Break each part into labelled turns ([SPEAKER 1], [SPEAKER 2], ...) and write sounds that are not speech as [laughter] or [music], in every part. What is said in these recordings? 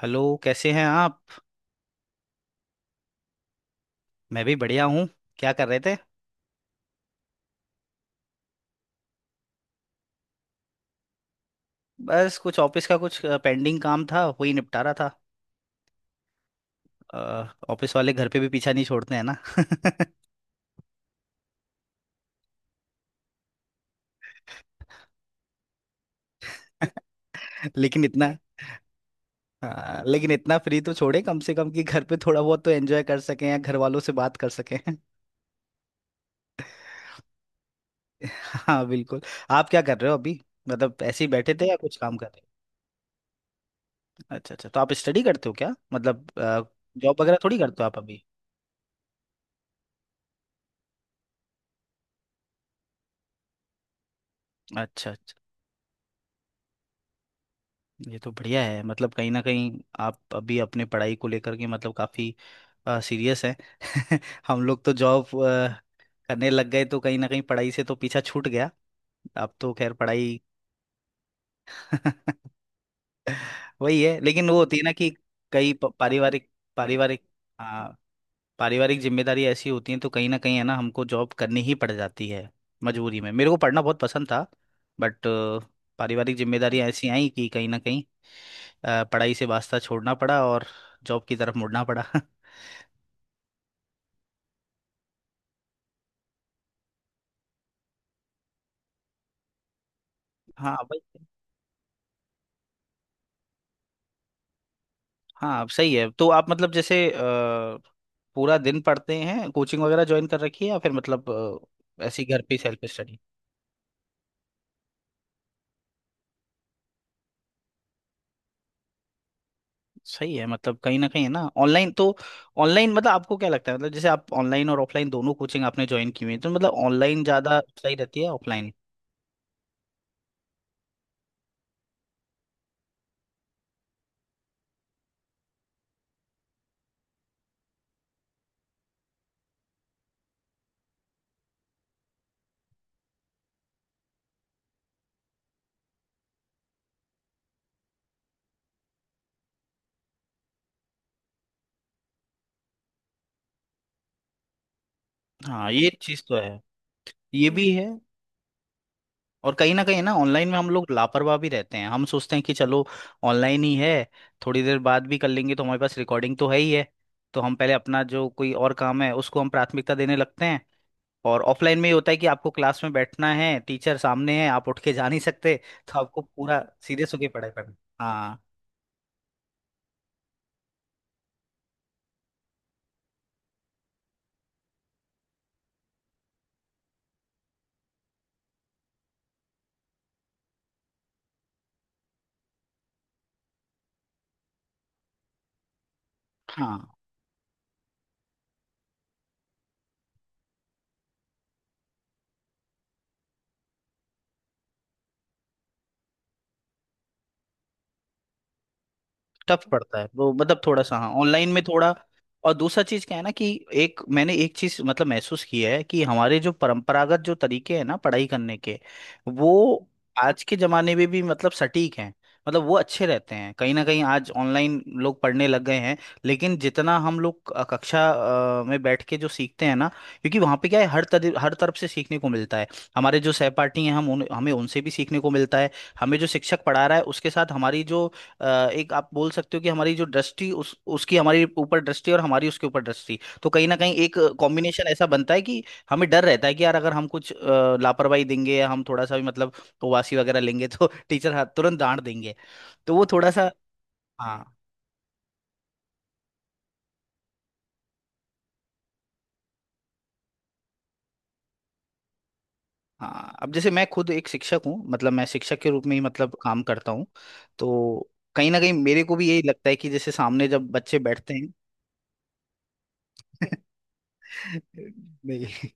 [SPEAKER 1] Hello, कैसे हैं आप। मैं भी बढ़िया हूँ। क्या कर रहे थे? बस कुछ ऑफिस का कुछ पेंडिंग काम था, वही निपटा रहा था। ऑफिस वाले घर पे भी पीछा नहीं छोड़ते हैं ना। [laughs] लेकिन इतना। हाँ, लेकिन इतना फ्री तो छोड़े कम से कम कि घर पे थोड़ा बहुत तो एंजॉय कर सकें या घर वालों से बात कर सकें। [laughs] हाँ बिल्कुल। आप क्या कर रहे हो अभी? मतलब ऐसे ही बैठे थे या कुछ काम कर रहे? थे। अच्छा अच्छा, तो आप स्टडी करते हो क्या मतलब? जॉब वगैरह थोड़ी करते हो आप अभी? अच्छा अच्छा, ये तो बढ़िया है। मतलब कहीं ना कहीं आप अभी अपने पढ़ाई को लेकर के मतलब काफी सीरियस हैं। [laughs] हम लोग तो जॉब करने लग गए तो कहीं ना कहीं पढ़ाई से तो पीछा छूट गया। आप तो खैर पढ़ाई। [laughs] वही है, लेकिन वो होती है ना कि कई पारिवारिक पारिवारिक। हाँ, पारिवारिक जिम्मेदारी ऐसी होती हैं तो कहीं ना कहीं है ना, हमको जॉब करनी ही पड़ जाती है मजबूरी में। मेरे को पढ़ना बहुत पसंद था, बट पारिवारिक जिम्मेदारियां ऐसी आई कि कहीं ना कहीं पढ़ाई से वास्ता छोड़ना पड़ा और जॉब की तरफ मुड़ना पड़ा। [laughs] हाँ भाई। हाँ अब सही है, तो आप मतलब जैसे पूरा दिन पढ़ते हैं, कोचिंग वगैरह ज्वाइन कर रखी है या फिर मतलब ऐसे ही घर पे सेल्फ स्टडी? सही है। मतलब कहीं ना कहीं है ना, ऑनलाइन तो ऑनलाइन मतलब आपको क्या लगता है? मतलब जैसे आप ऑनलाइन और ऑफलाइन दोनों कोचिंग आपने ज्वाइन की हुई है, तो मतलब ऑनलाइन ज़्यादा सही रहती है ऑफलाइन? हाँ ये चीज़ तो है। ये भी है। और कहीं ना कहीं ना, ऑनलाइन में हम लोग लापरवाह भी रहते हैं। हम सोचते हैं कि चलो ऑनलाइन ही है, थोड़ी देर बाद भी कर लेंगे, तो हमारे पास रिकॉर्डिंग तो है ही है। तो हम पहले अपना जो कोई और काम है उसको हम प्राथमिकता देने लगते हैं। और ऑफलाइन में ये होता है कि आपको क्लास में बैठना है, टीचर सामने है, आप उठ के जा नहीं सकते, तो आपको पूरा सीरियस होकर पढ़ाई करना। हाँ। हाँ टफ पड़ता है वो मतलब, थोड़ा सा। हाँ, ऑनलाइन में थोड़ा। और दूसरा चीज क्या है ना कि एक मैंने एक चीज मतलब महसूस की है कि हमारे जो परंपरागत जो तरीके हैं ना पढ़ाई करने के, वो आज के जमाने में भी मतलब सटीक हैं। मतलब वो अच्छे रहते हैं। कहीं ना कहीं आज ऑनलाइन लोग पढ़ने लग गए हैं। लेकिन जितना हम लोग कक्षा में बैठ के जो सीखते हैं ना, क्योंकि वहाँ पे क्या है, हर तरह हर तरफ से सीखने को मिलता है। हमारे जो सहपाठी हैं, हमें उनसे भी सीखने को मिलता है। हमें जो शिक्षक पढ़ा रहा है उसके साथ हमारी जो एक आप बोल सकते हो कि हमारी जो दृष्टि, उस उसकी हमारी ऊपर दृष्टि और हमारी उसके ऊपर दृष्टि, तो कहीं ना कहीं एक कॉम्बिनेशन ऐसा बनता है कि हमें डर रहता है कि यार अगर हम कुछ लापरवाही देंगे या हम थोड़ा सा भी मतलब उपवासी वगैरह लेंगे तो [laughs] टीचर हाथ तुरंत डांट देंगे। तो वो थोड़ा सा। हाँ। हाँ अब जैसे मैं खुद एक शिक्षक हूँ, मतलब मैं शिक्षक के रूप में ही मतलब काम करता हूँ। तो कहीं ना कहीं मेरे को भी यही लगता है कि जैसे सामने जब बच्चे बैठते हैं। [laughs] नहीं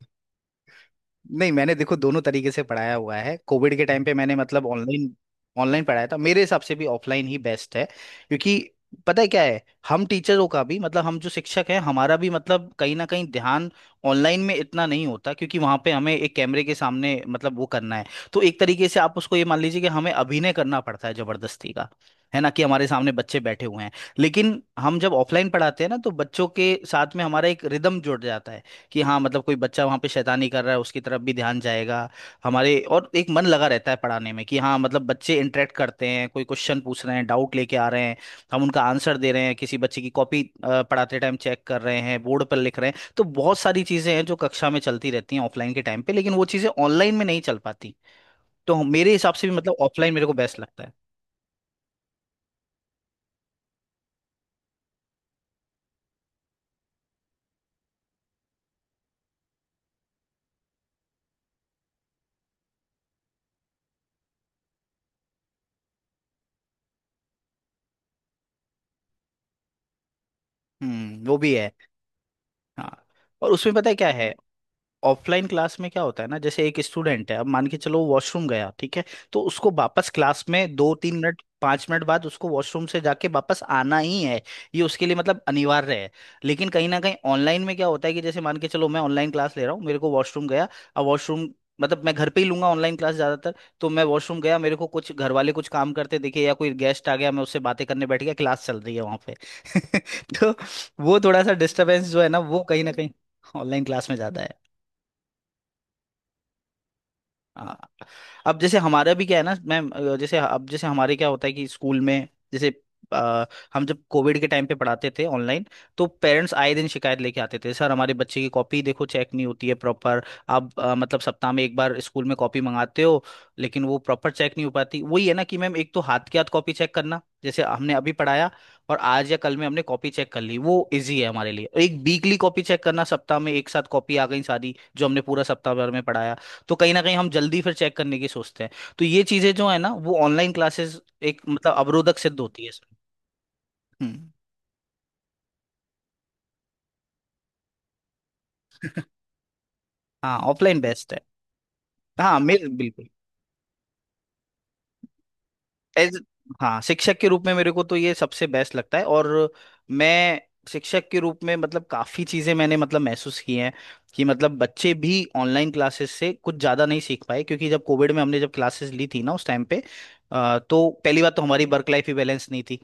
[SPEAKER 1] नहीं, मैंने देखो दोनों तरीके से पढ़ाया हुआ है। कोविड के टाइम पे मैंने मतलब ऑनलाइन ऑनलाइन पढ़ाया था। मेरे हिसाब से भी ऑफलाइन ही बेस्ट है। क्योंकि पता है क्या है, हम टीचरों का भी मतलब हम जो शिक्षक हैं हमारा भी मतलब कहीं ना कहीं ध्यान ऑनलाइन में इतना नहीं होता। क्योंकि वहां पे हमें एक कैमरे के सामने मतलब वो करना है। तो एक तरीके से आप उसको ये मान लीजिए कि हमें अभिनय करना पड़ता है जबरदस्ती का, है ना, कि हमारे सामने बच्चे बैठे हुए हैं। लेकिन हम जब ऑफलाइन पढ़ाते हैं ना, तो बच्चों के साथ में हमारा एक रिदम जुड़ जाता है कि हाँ, मतलब कोई बच्चा वहाँ पे शैतानी कर रहा है उसकी तरफ भी ध्यान जाएगा हमारे। और एक मन लगा रहता है पढ़ाने में कि हाँ, मतलब बच्चे इंटरेक्ट करते हैं, कोई क्वेश्चन पूछ रहे हैं, डाउट लेके आ रहे हैं, हम उनका आंसर दे रहे हैं, किसी बच्चे की कॉपी पढ़ाते टाइम चेक कर रहे हैं, बोर्ड पर लिख रहे हैं। तो बहुत सारी चीज़ें हैं जो कक्षा में चलती रहती हैं ऑफलाइन के टाइम पे, लेकिन वो चीज़ें ऑनलाइन में नहीं चल पाती। तो मेरे हिसाब से भी मतलब ऑफलाइन मेरे को बेस्ट लगता है। हम्म, वो भी है। हाँ। और उसमें पता है क्या है, ऑफलाइन क्लास में क्या होता है ना, जैसे एक स्टूडेंट है, अब मान के चलो वॉशरूम गया, ठीक है, तो उसको वापस क्लास में दो तीन मिनट पांच मिनट बाद उसको वॉशरूम से जाके वापस आना ही है। ये उसके लिए मतलब अनिवार्य है। लेकिन कहीं ना कहीं ऑनलाइन में क्या होता है कि जैसे मान के चलो मैं ऑनलाइन क्लास ले रहा हूँ, मेरे को वॉशरूम गया, अब वॉशरूम मतलब मैं घर पे ही लूंगा ऑनलाइन क्लास ज्यादातर, तो मैं वॉशरूम गया, मेरे को कुछ घर वाले कुछ काम करते दिखे या कोई गेस्ट आ गया, मैं उससे बातें करने बैठ गया। क्लास चल रही है वहां पे। [laughs] तो वो थोड़ा सा डिस्टरबेंस जो है ना, वो कहीं ना कहीं ऑनलाइन क्लास में ज्यादा है। हाँ। अब जैसे हमारा भी क्या है ना मैम, जैसे अब जैसे हमारे क्या होता है कि स्कूल में जैसे अ, हम जब कोविड के टाइम पे पढ़ाते थे ऑनलाइन। तो पेरेंट्स आए दिन शिकायत लेके आते थे, सर हमारे बच्चे की कॉपी देखो, चेक नहीं होती है प्रॉपर। आप मतलब सप्ताह में एक बार स्कूल में कॉपी मंगाते हो लेकिन वो प्रॉपर चेक नहीं हो पाती। वही है ना कि मैम, एक तो हाथ के हाथ कॉपी चेक करना, जैसे हमने अभी पढ़ाया और आज या कल में हमने कॉपी चेक कर ली, वो इजी है हमारे लिए। एक वीकली कॉपी चेक करना सप्ताह में, एक साथ कॉपी आ गई सारी जो हमने पूरा सप्ताह भर में पढ़ाया। तो कहीं ना कहीं हम जल्दी फिर चेक करने की सोचते हैं। तो ये चीजें जो है ना, वो ऑनलाइन क्लासेस एक मतलब अवरोधक सिद्ध होती है इसमें। हम्म। हाँ, ऑफलाइन बेस्ट है। हाँ मेरे बिल्कुल एज। हाँ शिक्षक के रूप में मेरे को तो ये सबसे बेस्ट लगता है, और मैं शिक्षक के रूप में मतलब काफी चीजें मैंने मतलब महसूस की हैं कि मतलब बच्चे भी ऑनलाइन क्लासेस से कुछ ज्यादा नहीं सीख पाए। क्योंकि जब कोविड में हमने जब क्लासेस ली थी ना उस टाइम पे, तो पहली बात तो हमारी वर्क लाइफ ही बैलेंस नहीं थी।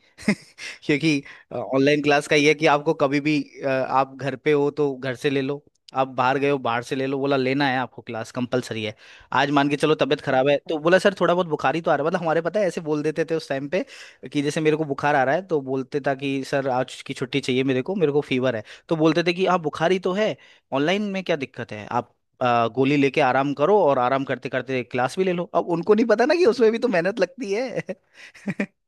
[SPEAKER 1] क्योंकि ऑनलाइन क्लास का ये है कि आपको कभी भी आप घर पे हो तो घर से ले लो, आप बाहर गए हो बाहर से ले लो, बोला लेना है आपको क्लास कंपलसरी है। आज मान के चलो तबीयत खराब है, तो बोला सर थोड़ा बहुत बुखार ही तो आ रहा है। मतलब हमारे पता है ऐसे बोल देते थे उस टाइम पे कि जैसे मेरे को बुखार आ रहा है तो बोलते था कि सर आज की छुट्टी चाहिए मेरे को, मेरे को फीवर है, तो बोलते थे कि आप बुखार ही तो है, ऑनलाइन में क्या दिक्कत है? आप गोली लेके आराम करो और आराम करते करते क्लास भी ले लो। अब उनको नहीं पता ना कि उसमें भी तो मेहनत लगती है। [laughs]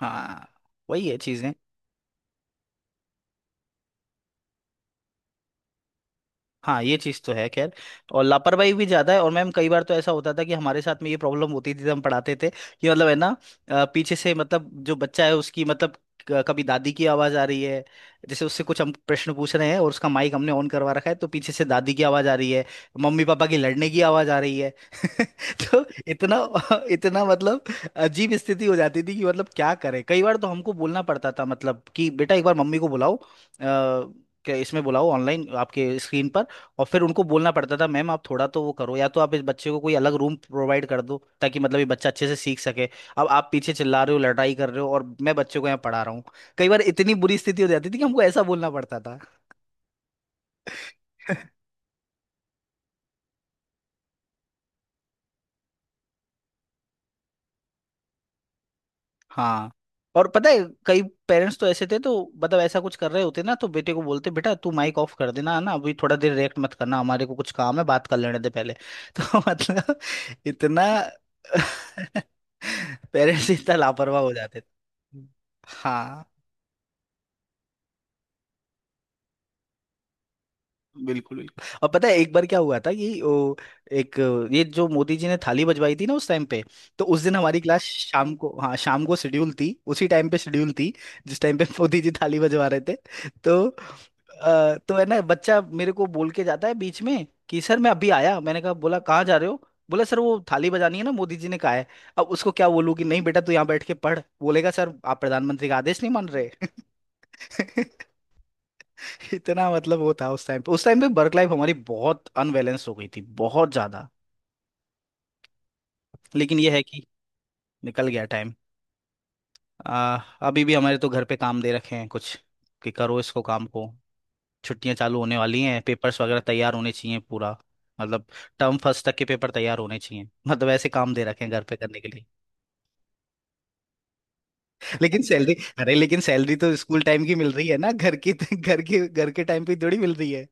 [SPEAKER 1] हाँ, वही है चीजें। हाँ ये चीज़ तो है खैर। और लापरवाही भी ज़्यादा है। और मैम कई बार तो ऐसा होता था कि हमारे साथ में ये प्रॉब्लम होती थी जब हम पढ़ाते थे कि मतलब है ना, पीछे से मतलब जो बच्चा है उसकी मतलब कभी दादी की आवाज़ आ रही है। जैसे उससे कुछ हम प्रश्न पूछ रहे हैं और उसका माइक हमने ऑन करवा रखा है, तो पीछे से दादी की आवाज़ आ रही है, मम्मी पापा की लड़ने की आवाज़ आ रही है। [laughs] तो इतना इतना मतलब अजीब स्थिति हो जाती थी कि मतलब क्या करें, कई बार तो हमको बोलना पड़ता था मतलब कि बेटा एक बार मम्मी को बुलाओ, क्या इसमें बुलाओ ऑनलाइन आपके स्क्रीन पर। और फिर उनको बोलना पड़ता था, मैम आप थोड़ा तो वो करो, या तो आप इस बच्चे को कोई अलग रूम प्रोवाइड कर दो ताकि मतलब ये बच्चा अच्छे से सीख सके, अब आप पीछे चिल्ला रहे हो, लड़ाई कर रहे हो, और मैं बच्चे को यहाँ पढ़ा रहा हूँ। कई बार इतनी बुरी स्थिति हो जाती थी कि हमको ऐसा बोलना पड़ता था। हाँ, और पता है कई पेरेंट्स तो ऐसे थे, तो मतलब ऐसा कुछ कर रहे होते ना, तो बेटे को बोलते बेटा तू माइक ऑफ कर देना है ना, अभी थोड़ा देर रिएक्ट मत करना, हमारे को कुछ काम है, बात कर लेने दे पहले। [laughs] तो मतलब इतना। [laughs] पेरेंट्स इतना लापरवाह हो जाते थे। हाँ बिल्कुल बिल्कुल। और पता है एक बार क्या हुआ था कि एक ये जो मोदी जी ने थाली बजवाई थी ना उस टाइम पे। तो उस दिन हमारी क्लास शाम को, हाँ शाम को शेड्यूल थी, उसी टाइम पे शेड्यूल थी जिस टाइम पे [laughs] मोदी जी थाली बजवा रहे थे। तो है ना, बच्चा मेरे को बोल के जाता है बीच में कि सर मैं अभी आया। मैंने कहा, बोला कहाँ जा रहे हो? बोला सर वो थाली बजानी है ना मोदी जी ने कहा है। अब उसको क्या बोलूं कि नहीं बेटा तू यहाँ बैठ के पढ़, बोलेगा सर आप प्रधानमंत्री का आदेश नहीं मान रहे। [laughs] [laughs] इतना मतलब वो था उस टाइम पे, उस टाइम पे वर्क लाइफ हमारी बहुत अनबैलेंस हो गई थी, बहुत ज्यादा। लेकिन ये है कि निकल गया टाइम। आ, अभी भी हमारे तो घर पे काम दे रखे हैं कुछ, कि करो इसको काम को, छुट्टियां चालू होने वाली हैं, पेपर्स वगैरह तैयार होने चाहिए पूरा। मतलब टर्म फर्स्ट तक के पेपर तैयार होने चाहिए, मतलब ऐसे काम दे रखे हैं घर पे करने के लिए। [laughs] लेकिन सैलरी तो स्कूल टाइम की मिल रही है ना, घर के टाइम पे थोड़ी मिल रही है।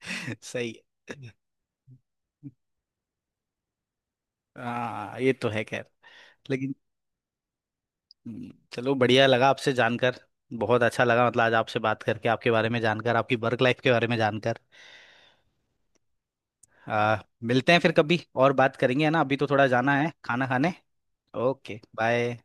[SPEAKER 1] [laughs] सही है। हाँ ये तो है खैर। लेकिन चलो बढ़िया लगा आपसे जानकर। बहुत अच्छा लगा मतलब, आज आपसे बात करके, आपके बारे में जानकर, आपकी वर्क लाइफ के बारे में जानकर। आ, मिलते हैं फिर कभी और बात करेंगे, है ना, अभी तो थोड़ा जाना है खाना खाने। Okay bye.